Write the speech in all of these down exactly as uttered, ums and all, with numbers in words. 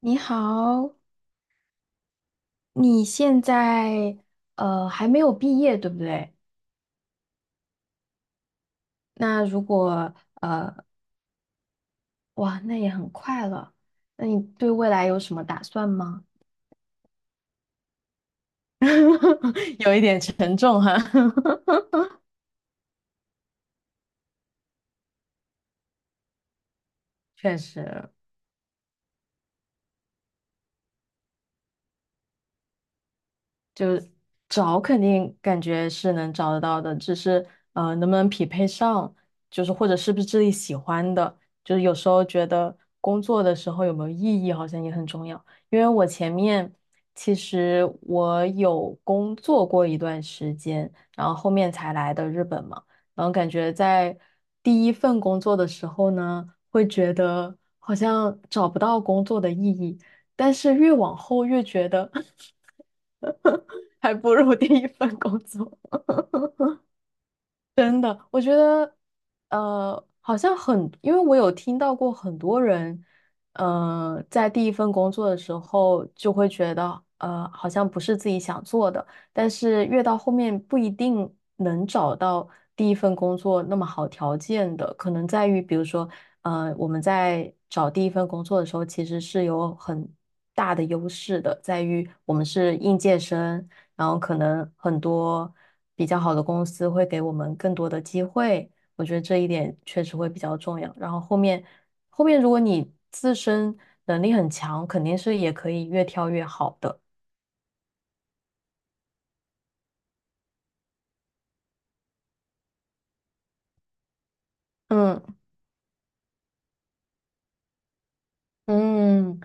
你好，你现在呃还没有毕业，对不对？那如果呃哇，那也很快了。那你对未来有什么打算吗？有一点沉重哈，确实。就找肯定感觉是能找得到的，只是呃能不能匹配上，就是或者是不是自己喜欢的，就是有时候觉得工作的时候有没有意义好像也很重要。因为我前面其实我有工作过一段时间，然后后面才来的日本嘛，然后感觉在第一份工作的时候呢，会觉得好像找不到工作的意义，但是越往后越觉得。还不如 第一份工作。真的，我觉得，呃，好像很，因为我有听到过很多人，呃，在第一份工作的时候就会觉得，呃，好像不是自己想做的，但是越到后面不一定能找到第一份工作那么好条件的，可能在于，比如说，呃，我们在找第一份工作的时候，其实是有很大的优势的，在于我们是应届生。然后可能很多比较好的公司会给我们更多的机会，我觉得这一点确实会比较重要。然后后面后面如果你自身能力很强，肯定是也可以越跳越好的。嗯嗯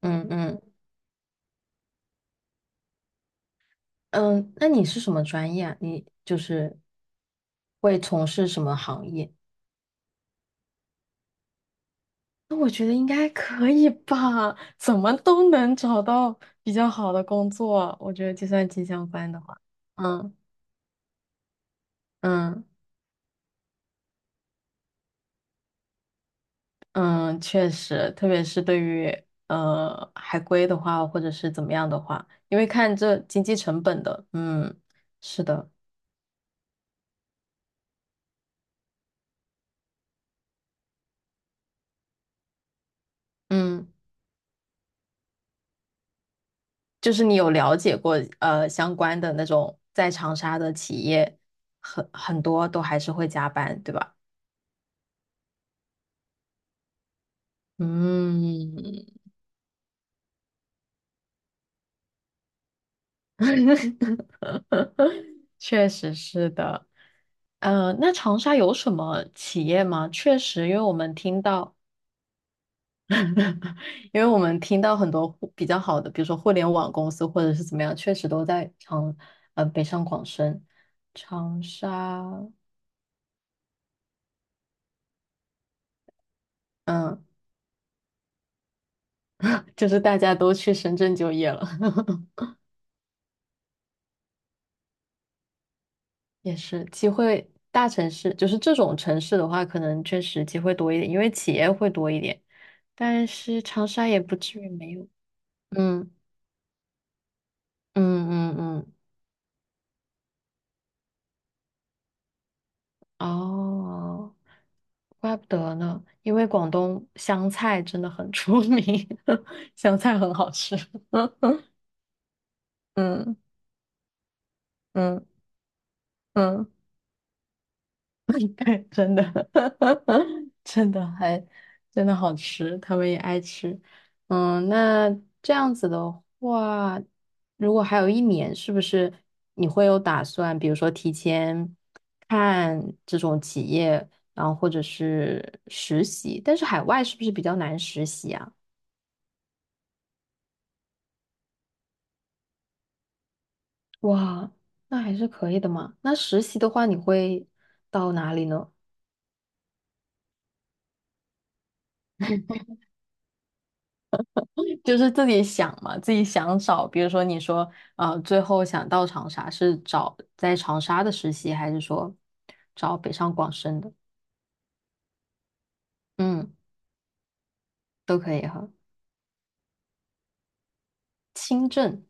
嗯嗯嗯，那你是什么专业啊？你就是会从事什么行业？那我觉得应该可以吧，怎么都能找到比较好的工作。我觉得计算机相关的话，嗯嗯。嗯，确实，特别是对于呃海归的话，或者是怎么样的话，因为看这经济成本的，嗯，是的，嗯，就是你有了解过呃相关的那种在长沙的企业，很很多都还是会加班，对吧？嗯，确实是的。呃，那长沙有什么企业吗？确实，因为我们听到。因为我们听到很多互比较好的，比如说互联网公司或者是怎么样，确实都在长呃北上广深、长沙，嗯，就是大家都去深圳就业了，也是机会。大城市就是这种城市的话，可能确实机会多一点，因为企业会多一点。但是长沙也不至于没有。嗯嗯嗯嗯，哦，怪不得呢，因为广东香菜真的很出名，香菜很好吃。嗯嗯嗯。对，真的，真的还真的好吃，他们也爱吃。嗯，那这样子的话，如果还有一年，是不是你会有打算，比如说提前看这种企业，然后或者是实习？但是海外是不是比较难实习啊？哇，那还是可以的嘛。那实习的话，你会到哪里呢？就是自己想嘛，自己想找，比如说你说，呃，最后想到长沙是找在长沙的实习，还是说找北上广深的？嗯，都可以哈。深圳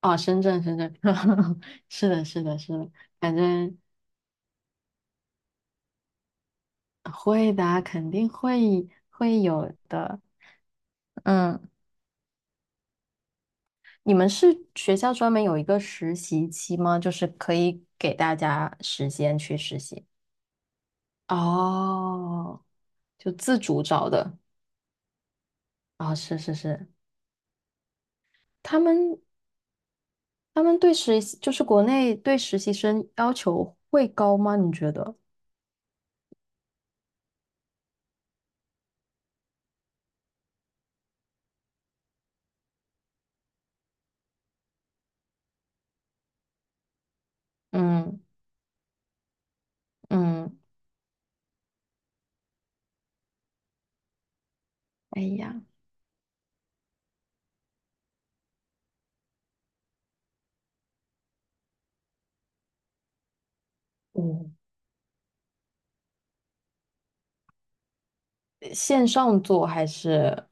啊，深圳，深圳，是的，是的，是的，反正会的啊肯定会会有的。嗯，你们是学校专门有一个实习期吗？就是可以给大家时间去实习。哦，就自主找的。啊、是是是，他们他们对实习就是国内对实习生要求会高吗？你觉得？嗯嗯，哎呀，嗯，线上做还是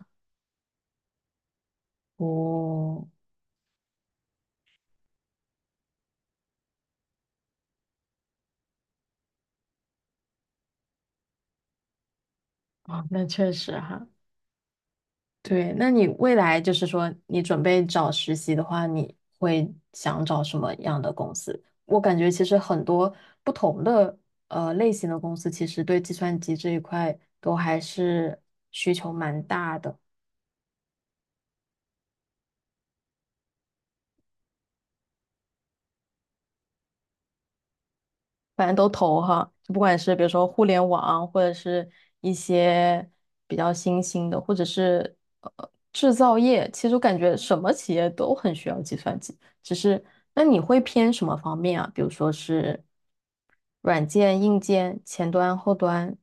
哦啊、那确实哈。对，那你未来就是说，你准备找实习的话，你会想找什么样的公司？我感觉其实很多不同的呃类型的公司，其实对计算机这一块都还是需求蛮大的。反正都投哈，就不管是比如说互联网，或者是一些比较新兴的，或者是呃制造业，其实我感觉什么企业都很需要计算机。只是那你会偏什么方面啊？比如说是软件、硬件、前端、后端，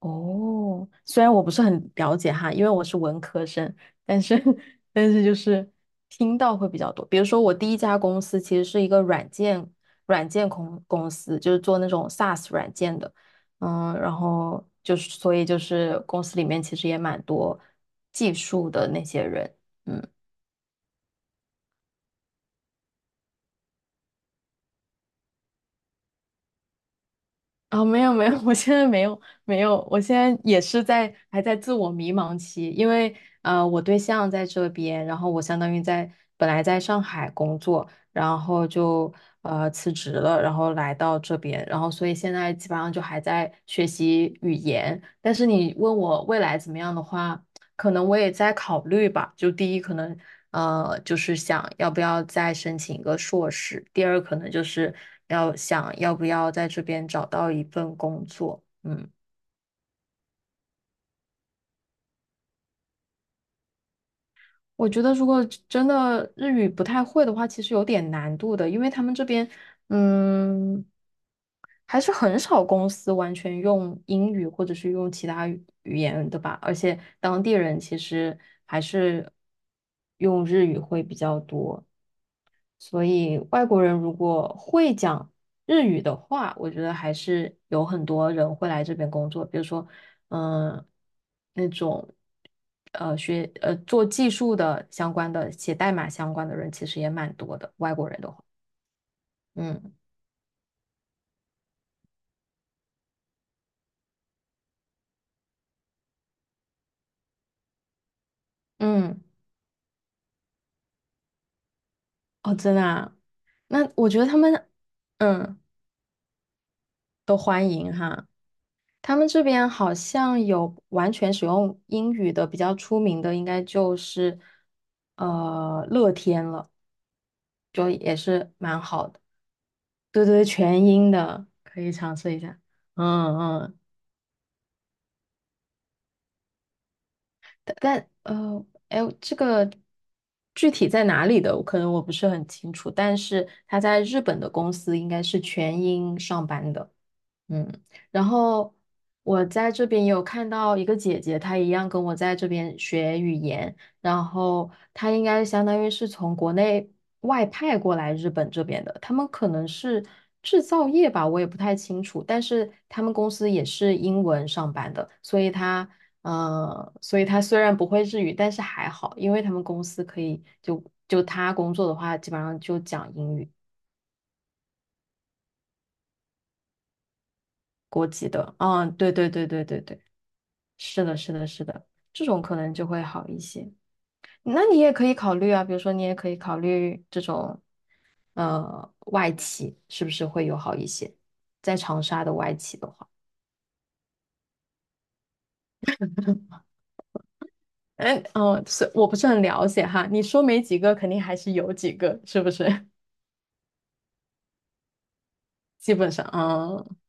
哦，虽然我不是很了解哈，因为我是文科生，但是 但是就是听到会比较多。比如说我第一家公司其实是一个软件软件公公司，就是做那种 SaaS 软件的，嗯，然后就是所以就是公司里面其实也蛮多技术的那些人，嗯。啊、没有没有，我现在没有没有，我现在也是在还在自我迷茫期，因为呃，我对象在这边，然后我相当于在本来在上海工作，然后就呃辞职了，然后来到这边，然后所以现在基本上就还在学习语言。但是你问我未来怎么样的话，可能我也在考虑吧。就第一，可能呃，就是想要不要再申请一个硕士；第二，可能就是要想要不要在这边找到一份工作。嗯，我觉得如果真的日语不太会的话，其实有点难度的，因为他们这边嗯还是很少公司完全用英语或者是用其他语语言的吧，而且当地人其实还是用日语会比较多。所以外国人如果会讲日语的话，我觉得还是有很多人会来这边工作。比如说，嗯，那种呃学呃做技术的相关的、写代码相关的人，其实也蛮多的。外国人的话，嗯嗯，哦，真的啊，那我觉得他们嗯都欢迎哈。他们这边好像有完全使用英语的，比较出名的应该就是呃乐天了。就也是蛮好的。对对，全音的可以尝试一下。嗯嗯但但呃，哎，这个具体在哪里的，我可能我不是很清楚，但是他在日本的公司应该是全英上班的，嗯，然后我在这边有看到一个姐姐，她一样跟我在这边学语言，然后她应该相当于是从国内外派过来日本这边的，他们可能是制造业吧，我也不太清楚，但是他们公司也是英文上班的，所以她。嗯，所以他虽然不会日语，但是还好，因为他们公司可以就就他工作的话，基本上就讲英语，国籍的。嗯，对对对对对对，是的，是的，是的，这种可能就会好一些。那你也可以考虑啊，比如说你也可以考虑这种呃外企，是不是会友好一些？在长沙的外企的话，哎，嗯，是我不是很了解哈，你说没几个，肯定还是有几个，是不是？基本上，嗯。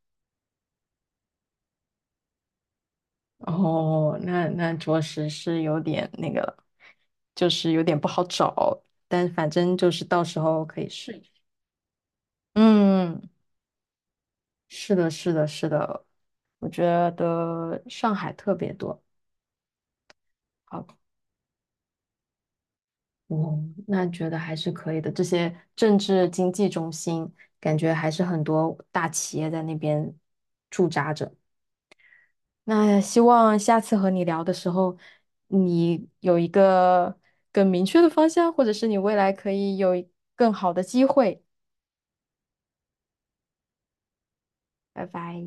哦，那那着实是有点那个就是有点不好找，但反正就是到时候可以试一试。嗯，是的，是的，是的，我觉得上海特别多。好，哦，那觉得还是可以的。这些政治经济中心，感觉还是很多大企业在那边驻扎着。那希望下次和你聊的时候，你有一个更明确的方向，或者是你未来可以有一更好的机会。拜拜。